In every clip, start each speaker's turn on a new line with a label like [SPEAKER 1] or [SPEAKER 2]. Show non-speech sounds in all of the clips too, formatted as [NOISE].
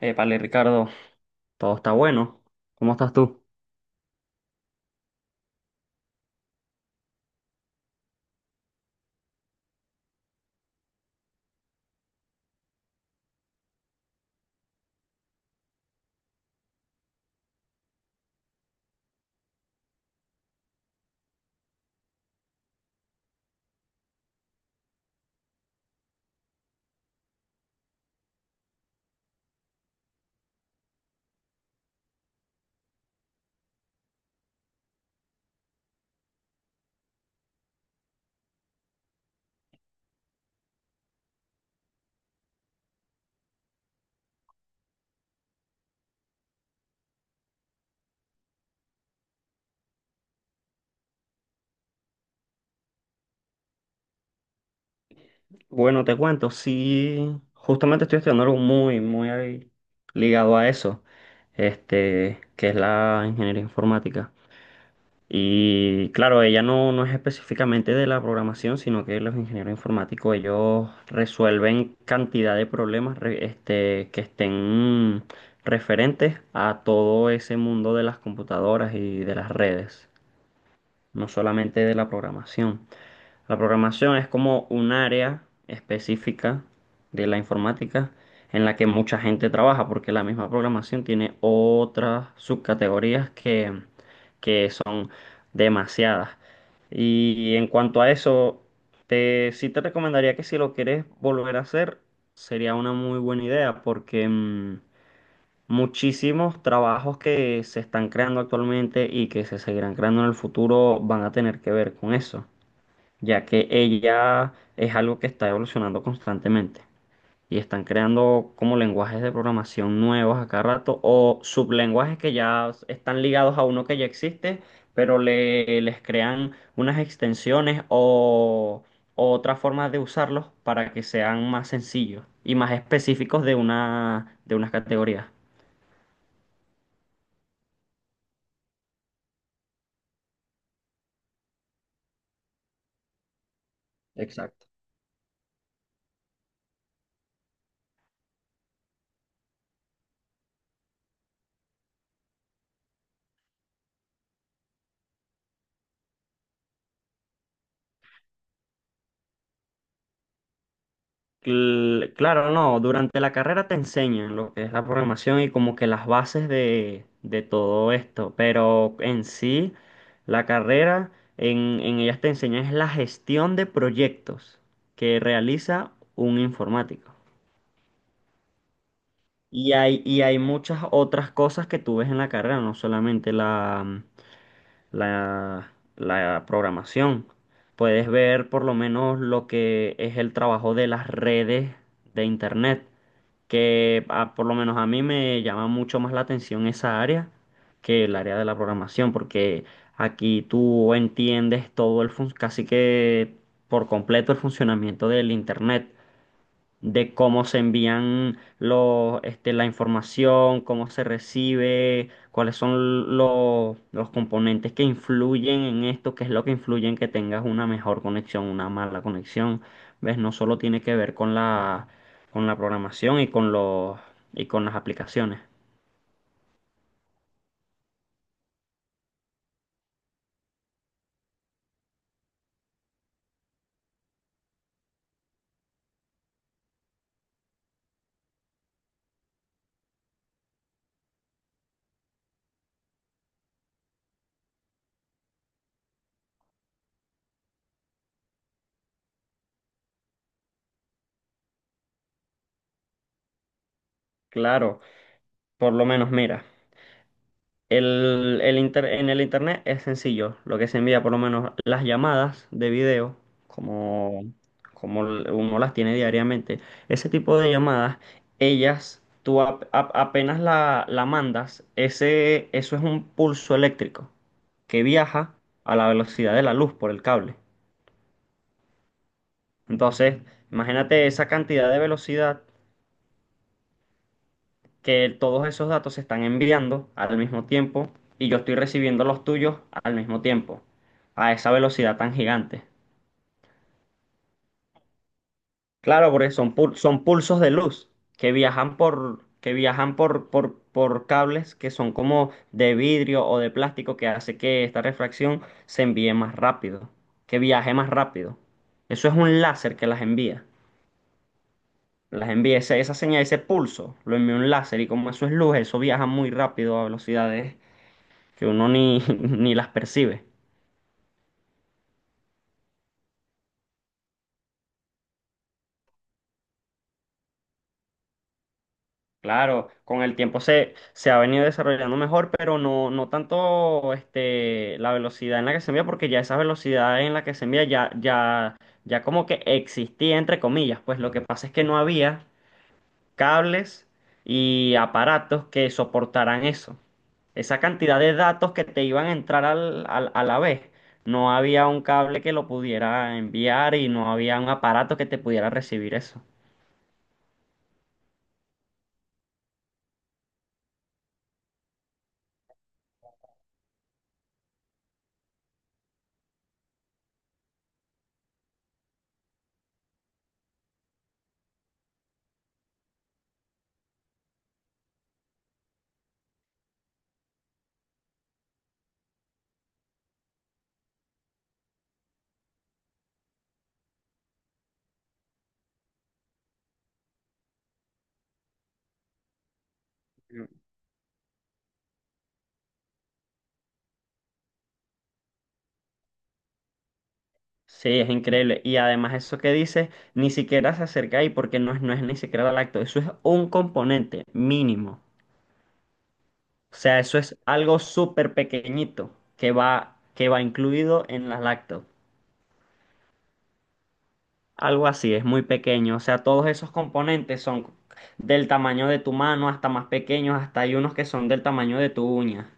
[SPEAKER 1] Épale, Ricardo, todo está bueno. ¿Cómo estás tú? Bueno, te cuento, sí, justamente estoy estudiando algo muy ahí ligado a eso, que es la ingeniería informática. Y claro, ella no es específicamente de la programación, sino que los ingenieros informáticos, ellos resuelven cantidad de problemas, que estén referentes a todo ese mundo de las computadoras y de las redes, no solamente de la programación. La programación es como un área específica de la informática en la que mucha gente trabaja, porque la misma programación tiene otras subcategorías que son demasiadas. Y en cuanto a eso, sí te recomendaría que si lo quieres volver a hacer, sería una muy buena idea, porque muchísimos trabajos que se están creando actualmente y que se seguirán creando en el futuro van a tener que ver con eso, ya que ella es algo que está evolucionando constantemente y están creando como lenguajes de programación nuevos a cada rato o sublenguajes que ya están ligados a uno que ya existe, pero les crean unas extensiones o otras formas de usarlos para que sean más sencillos y más específicos de de unas categorías. Exacto. Claro, no, durante la carrera te enseñan lo que es la programación y como que las bases de todo esto, pero en sí, la carrera, en ellas te enseñan es la gestión de proyectos que realiza un informático. Y hay muchas otras cosas que tú ves en la carrera, no solamente la, la programación. Puedes ver por lo menos lo que es el trabajo de las redes de Internet, que por lo menos a mí me llama mucho más la atención esa área que el área de la programación, porque aquí tú entiendes todo el casi que por completo el funcionamiento del Internet, de cómo se envían la información, cómo se recibe, cuáles son los componentes que influyen en esto, qué es lo que influye en que tengas una mejor conexión, una mala conexión. ¿Ves? No solo tiene que ver con con la programación y con y con las aplicaciones. Claro, por lo menos, mira. En el internet es sencillo, lo que se envía, por lo menos las llamadas de video, como, como uno las tiene diariamente, ese tipo de llamadas, ellas, tú apenas la mandas, eso es un pulso eléctrico que viaja a la velocidad de la luz por el cable. Entonces, imagínate esa cantidad de velocidad, que todos esos datos se están enviando al mismo tiempo y yo estoy recibiendo los tuyos al mismo tiempo, a esa velocidad tan gigante. Claro, porque son, son pulsos de luz que viajan por cables que son como de vidrio o de plástico, que hace que esta refracción se envíe más rápido, que viaje más rápido. Eso es un láser que las envía. Las envía esa señal, ese pulso, lo envía un láser y como eso es luz, eso viaja muy rápido a velocidades que uno ni, [LAUGHS] ni las percibe. Claro, con el tiempo se ha venido desarrollando mejor, pero no, no tanto la velocidad en la que se envía, porque ya esa velocidad en la que se envía ya como que existía, entre comillas, pues lo que pasa es que no había cables y aparatos que soportaran eso. Esa cantidad de datos que te iban a entrar a la vez. No había un cable que lo pudiera enviar y no había un aparato que te pudiera recibir eso. Sí, es increíble. Y además eso que dices, ni siquiera se acerca ahí porque no es, no es ni siquiera lacto. Eso es un componente mínimo. O sea, eso es algo súper pequeñito que va incluido en las lactos. Algo así, es muy pequeño. O sea, todos esos componentes son del tamaño de tu mano hasta más pequeños, hasta hay unos que son del tamaño de tu uña.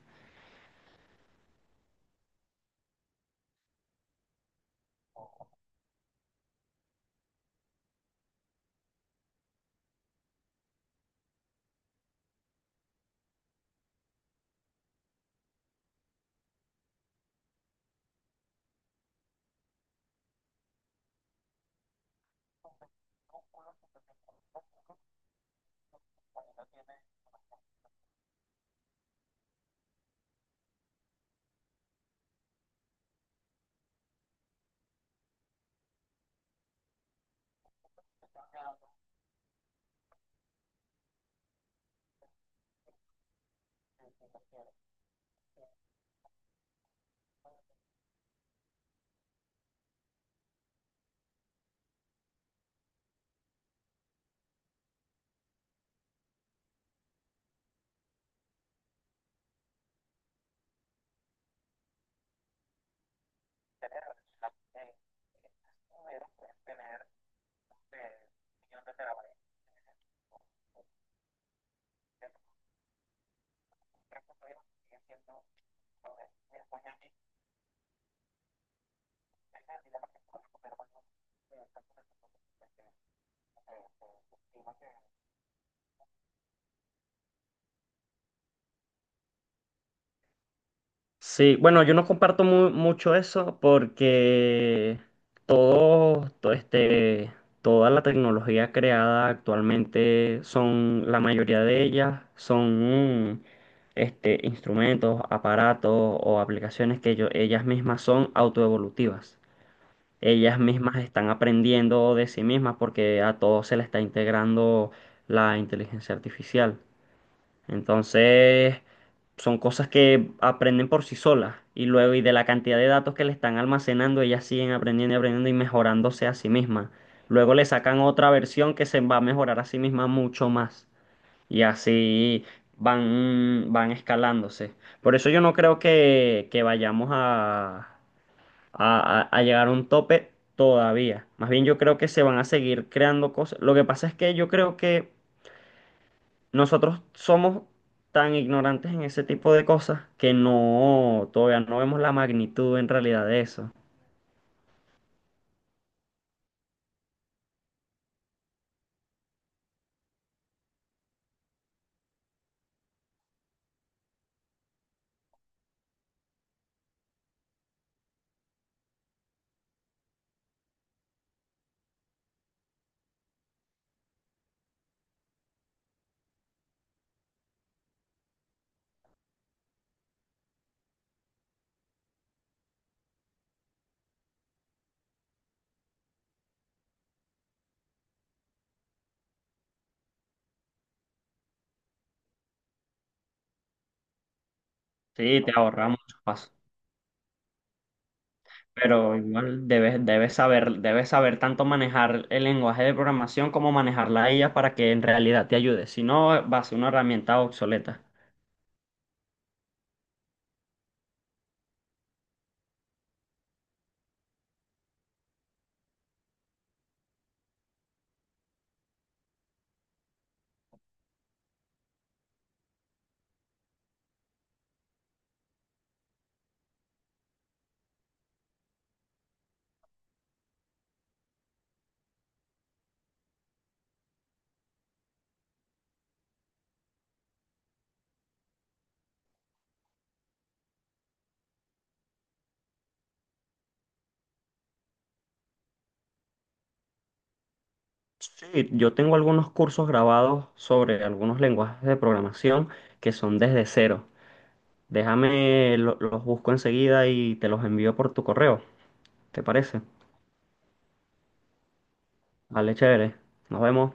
[SPEAKER 1] Sí, bueno, yo no comparto mucho eso porque todo, toda la tecnología creada actualmente son, la mayoría de ellas son instrumentos, aparatos o aplicaciones que ellas mismas son autoevolutivas. Ellas mismas están aprendiendo de sí mismas porque a todos se le está integrando la inteligencia artificial. Entonces, son cosas que aprenden por sí solas. Y luego, y de la cantidad de datos que le están almacenando, ellas siguen aprendiendo y aprendiendo y mejorándose a sí mismas. Luego le sacan otra versión que se va a mejorar a sí misma mucho más. Y así van, van escalándose. Por eso yo no creo que vayamos a llegar a un tope todavía. Más bien yo creo que se van a seguir creando cosas. Lo que pasa es que yo creo que nosotros somos tan ignorantes en ese tipo de cosas que no, todavía no vemos la magnitud en realidad de eso. Sí, te ahorra muchos pasos, pero igual debes, debes saber tanto manejar el lenguaje de programación como manejar la IA para que en realidad te ayude. Si no, va a ser una herramienta obsoleta. Sí, yo tengo algunos cursos grabados sobre algunos lenguajes de programación que son desde cero. Déjame, los busco enseguida y te los envío por tu correo. ¿Te parece? Vale, chévere. Nos vemos.